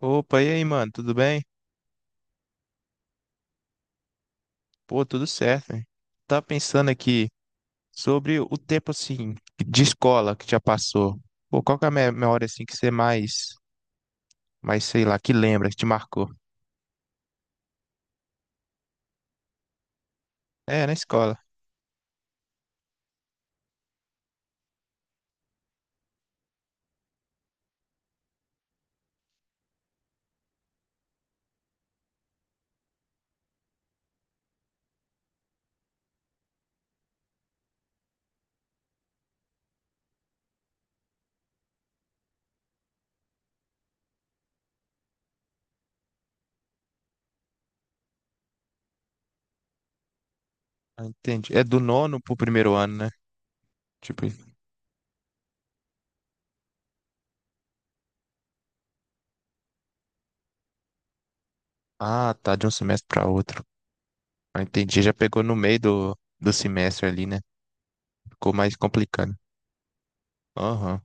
Opa, e aí, mano, tudo bem? Pô, tudo certo, hein? Tava pensando aqui sobre o tempo, assim, de escola que já passou. Pô, qual que é a memória, assim, que você mais, mais, sei lá, que lembra, que te marcou? É, na escola. Ah, entendi. É do nono pro primeiro ano, né? Tipo, isso. Ah, tá, de um semestre pra outro. Ah, entendi, já pegou no meio do semestre ali, né? Ficou mais complicado. Aham.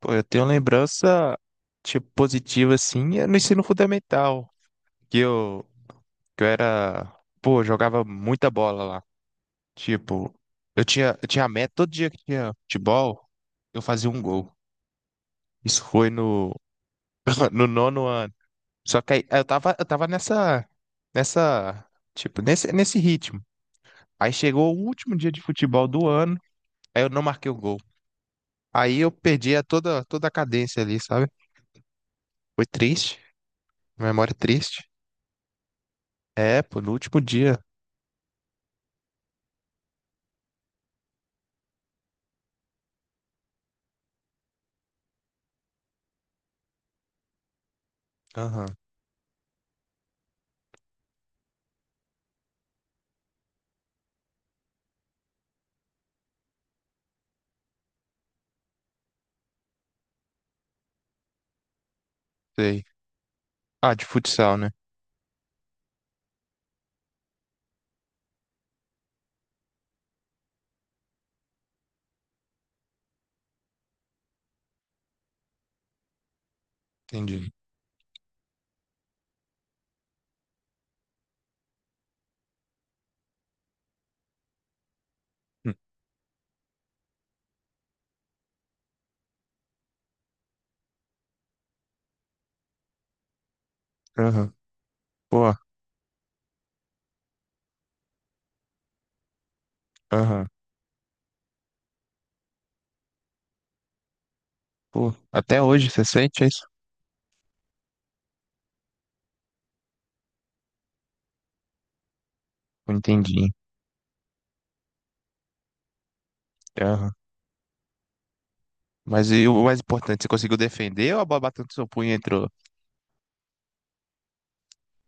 Pô, eu tenho lembrança, tipo, positiva, assim, é no ensino fundamental. Que eu, que eu era, pô, jogava muita bola lá. Tipo, eu tinha a meta, todo dia que tinha futebol, eu fazia um gol. Isso foi no, no nono ano. Só que aí eu tava nessa, tipo, nesse ritmo. Aí chegou o último dia de futebol do ano, aí eu não marquei o gol. Aí eu perdi a toda a cadência ali, sabe? Foi triste, memória triste. É, pô, no último dia. Aham, sei. Ah, de futsal, né? Entendi. Hum, Aham, pô, aham. Pô, até hoje você sente isso? Entendi. Aham. Mas e o mais importante, você conseguiu defender ou a bola batendo no seu punho e entrou?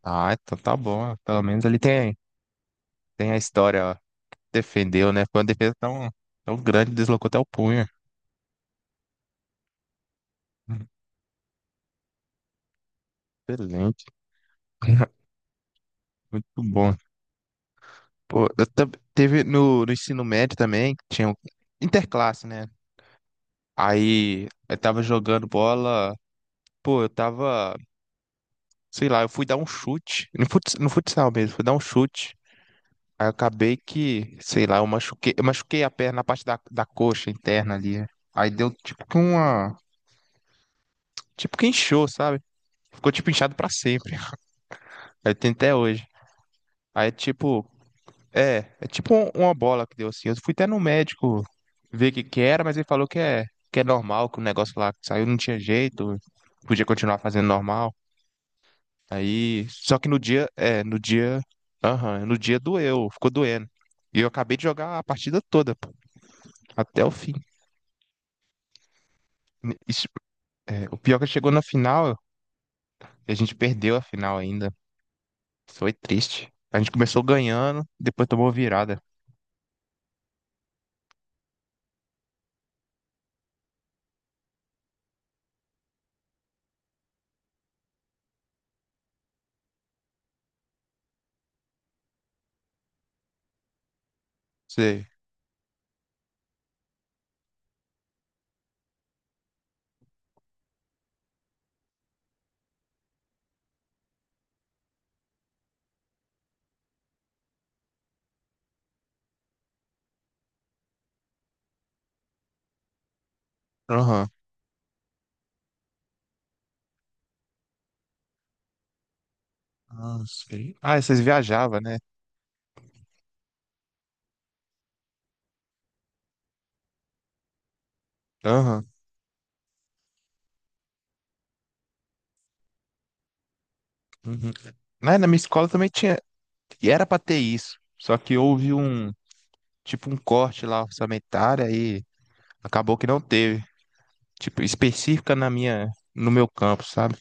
Ah, então tá bom. Pelo menos ali tem, tem a história, ó. Defendeu, né? Foi uma defesa tão, tão grande, deslocou até o punho. Excelente. Muito bom. Pô, eu teve no, no ensino médio também, tinha um interclasse, né? Aí eu tava jogando bola, pô, eu tava, sei lá, eu fui dar um chute, no no futsal mesmo, fui dar um chute. Aí eu acabei que, sei lá, eu machuquei a perna, a parte da coxa interna ali. É. Aí deu tipo que uma. Tipo que inchou, sabe? Ficou tipo inchado pra sempre. Aí tem até hoje. Aí tipo. É, é tipo uma bola que deu assim. Eu fui até no médico ver o que que era, mas ele falou que é normal, que o negócio lá que saiu não tinha jeito, podia continuar fazendo normal. Aí. Só que no dia. É, no dia. Aham, no dia doeu, ficou doendo. E eu acabei de jogar a partida toda, pô, até o fim. Isso. É, o pior é que chegou na final e a gente perdeu a final ainda. Foi triste. A gente começou ganhando, depois tomou virada. Sei. Aham. Ah, sei. Ah, vocês viajavam, né? Aham. Uhum. Na, na minha escola também tinha. E era pra ter isso. Só que houve um. Tipo, um corte lá orçamentário e acabou que não teve. Tipo, específica na minha. No meu campus, sabe?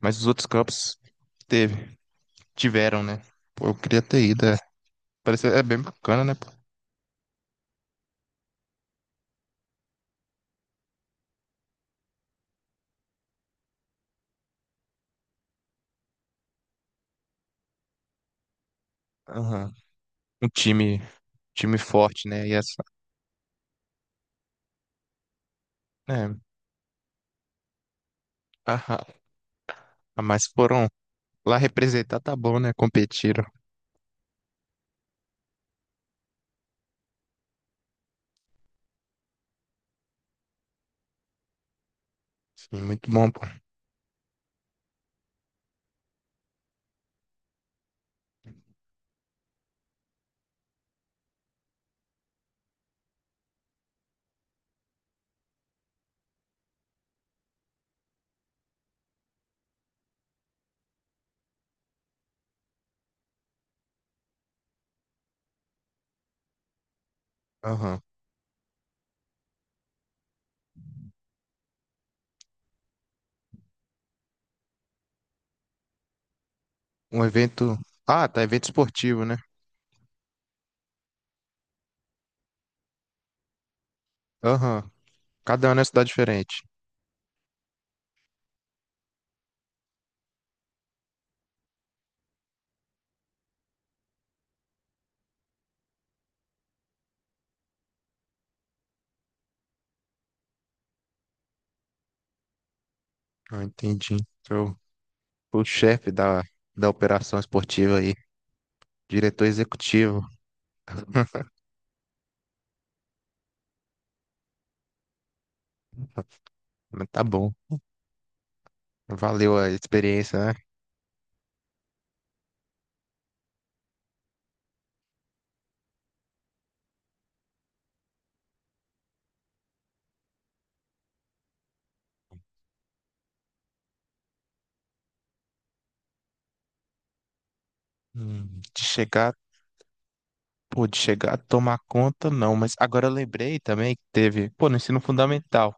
Mas os outros campos teve. Tiveram, né? Pô, eu queria ter ido. É. Parece, é bem bacana, né? Pô? Aham. Um time, time forte, né? E essa, é, aham. Ah, mas foram lá representar, tá bom, né? Competiram. Sim, muito bom, pô. Aham. Um evento. Ah, tá, evento esportivo, né? Aham. Cada ano é uma cidade diferente. Ah, entendi. Eu fui o chefe da operação esportiva aí, diretor executivo. Mas tá bom. Valeu a experiência, né? De chegar, pô, de chegar a tomar conta, não. Mas agora eu lembrei também que teve, pô, no ensino fundamental,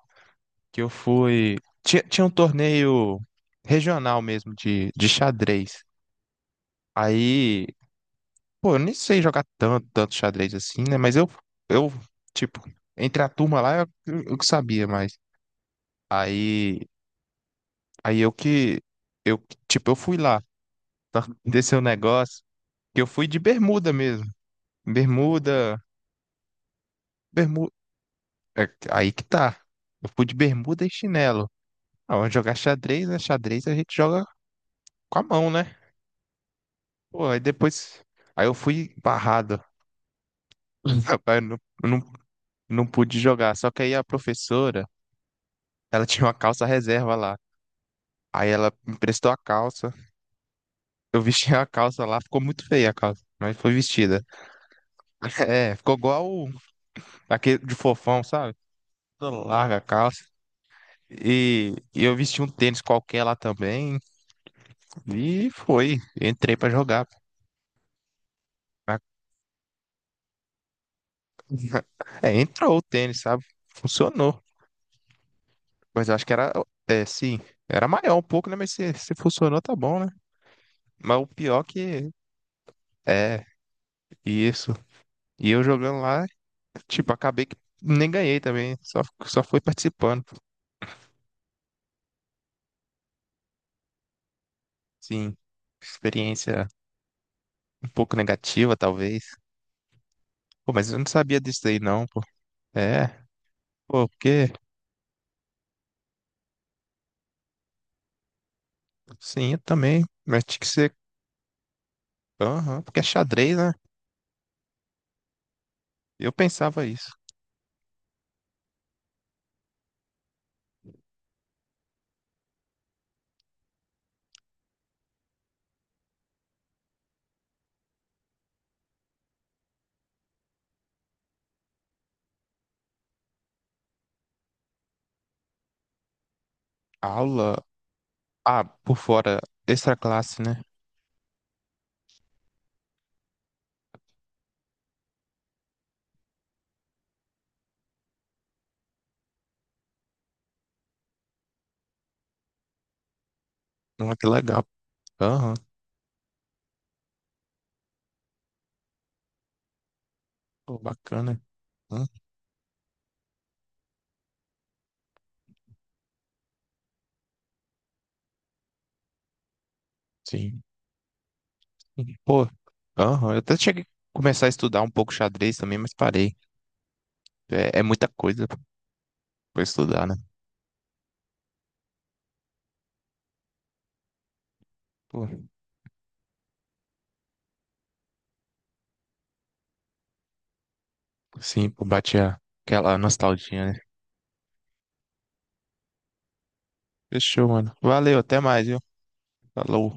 que eu fui. Tinha um torneio regional mesmo de xadrez. Aí. Pô, eu nem sei jogar tanto, tanto xadrez assim, né? Mas eu, tipo, entre a turma lá, eu que sabia, mas aí, aí eu que, eu, tipo, eu fui lá, tá? Desse o negócio, que eu fui de bermuda mesmo, bermuda, bermuda, aí que tá, eu fui de bermuda e chinelo. Ah, vamos jogar xadrez, né? Xadrez a gente joga com a mão, né? Pô, aí depois, aí eu fui barrado, eu não, não pude jogar, só que aí a professora, ela tinha uma calça reserva lá. Aí ela me emprestou a calça. Eu vesti a calça lá, ficou muito feia a calça, mas foi vestida. É, ficou igual aquele de fofão, sabe? Toda larga a calça. E eu vesti um tênis qualquer lá também. E foi. Entrei pra jogar. É, entrou o tênis, sabe? Funcionou. Mas eu acho que era. É, sim. Era maior um pouco, né? Mas se funcionou, tá bom, né? Mas o pior que. É, isso. E eu jogando lá, tipo, acabei que nem ganhei também. Só fui participando. Sim, experiência um pouco negativa, talvez. Pô, mas eu não sabia disso daí, não, pô. É, pô, porque, sim, eu também, mas tinha que ser, aham, porque é xadrez, né? Eu pensava isso. Aula, ah, por fora, extra classe, né? Ah, que legal. Aham, pô, bacana. Hum, sim. Pô, aham, eu até cheguei a começar a estudar um pouco xadrez também, mas parei. É, é muita coisa pra estudar, né? Pô, sim, pô, aquela nostalgia, né? Fechou, mano. Valeu, até mais, viu? Falou.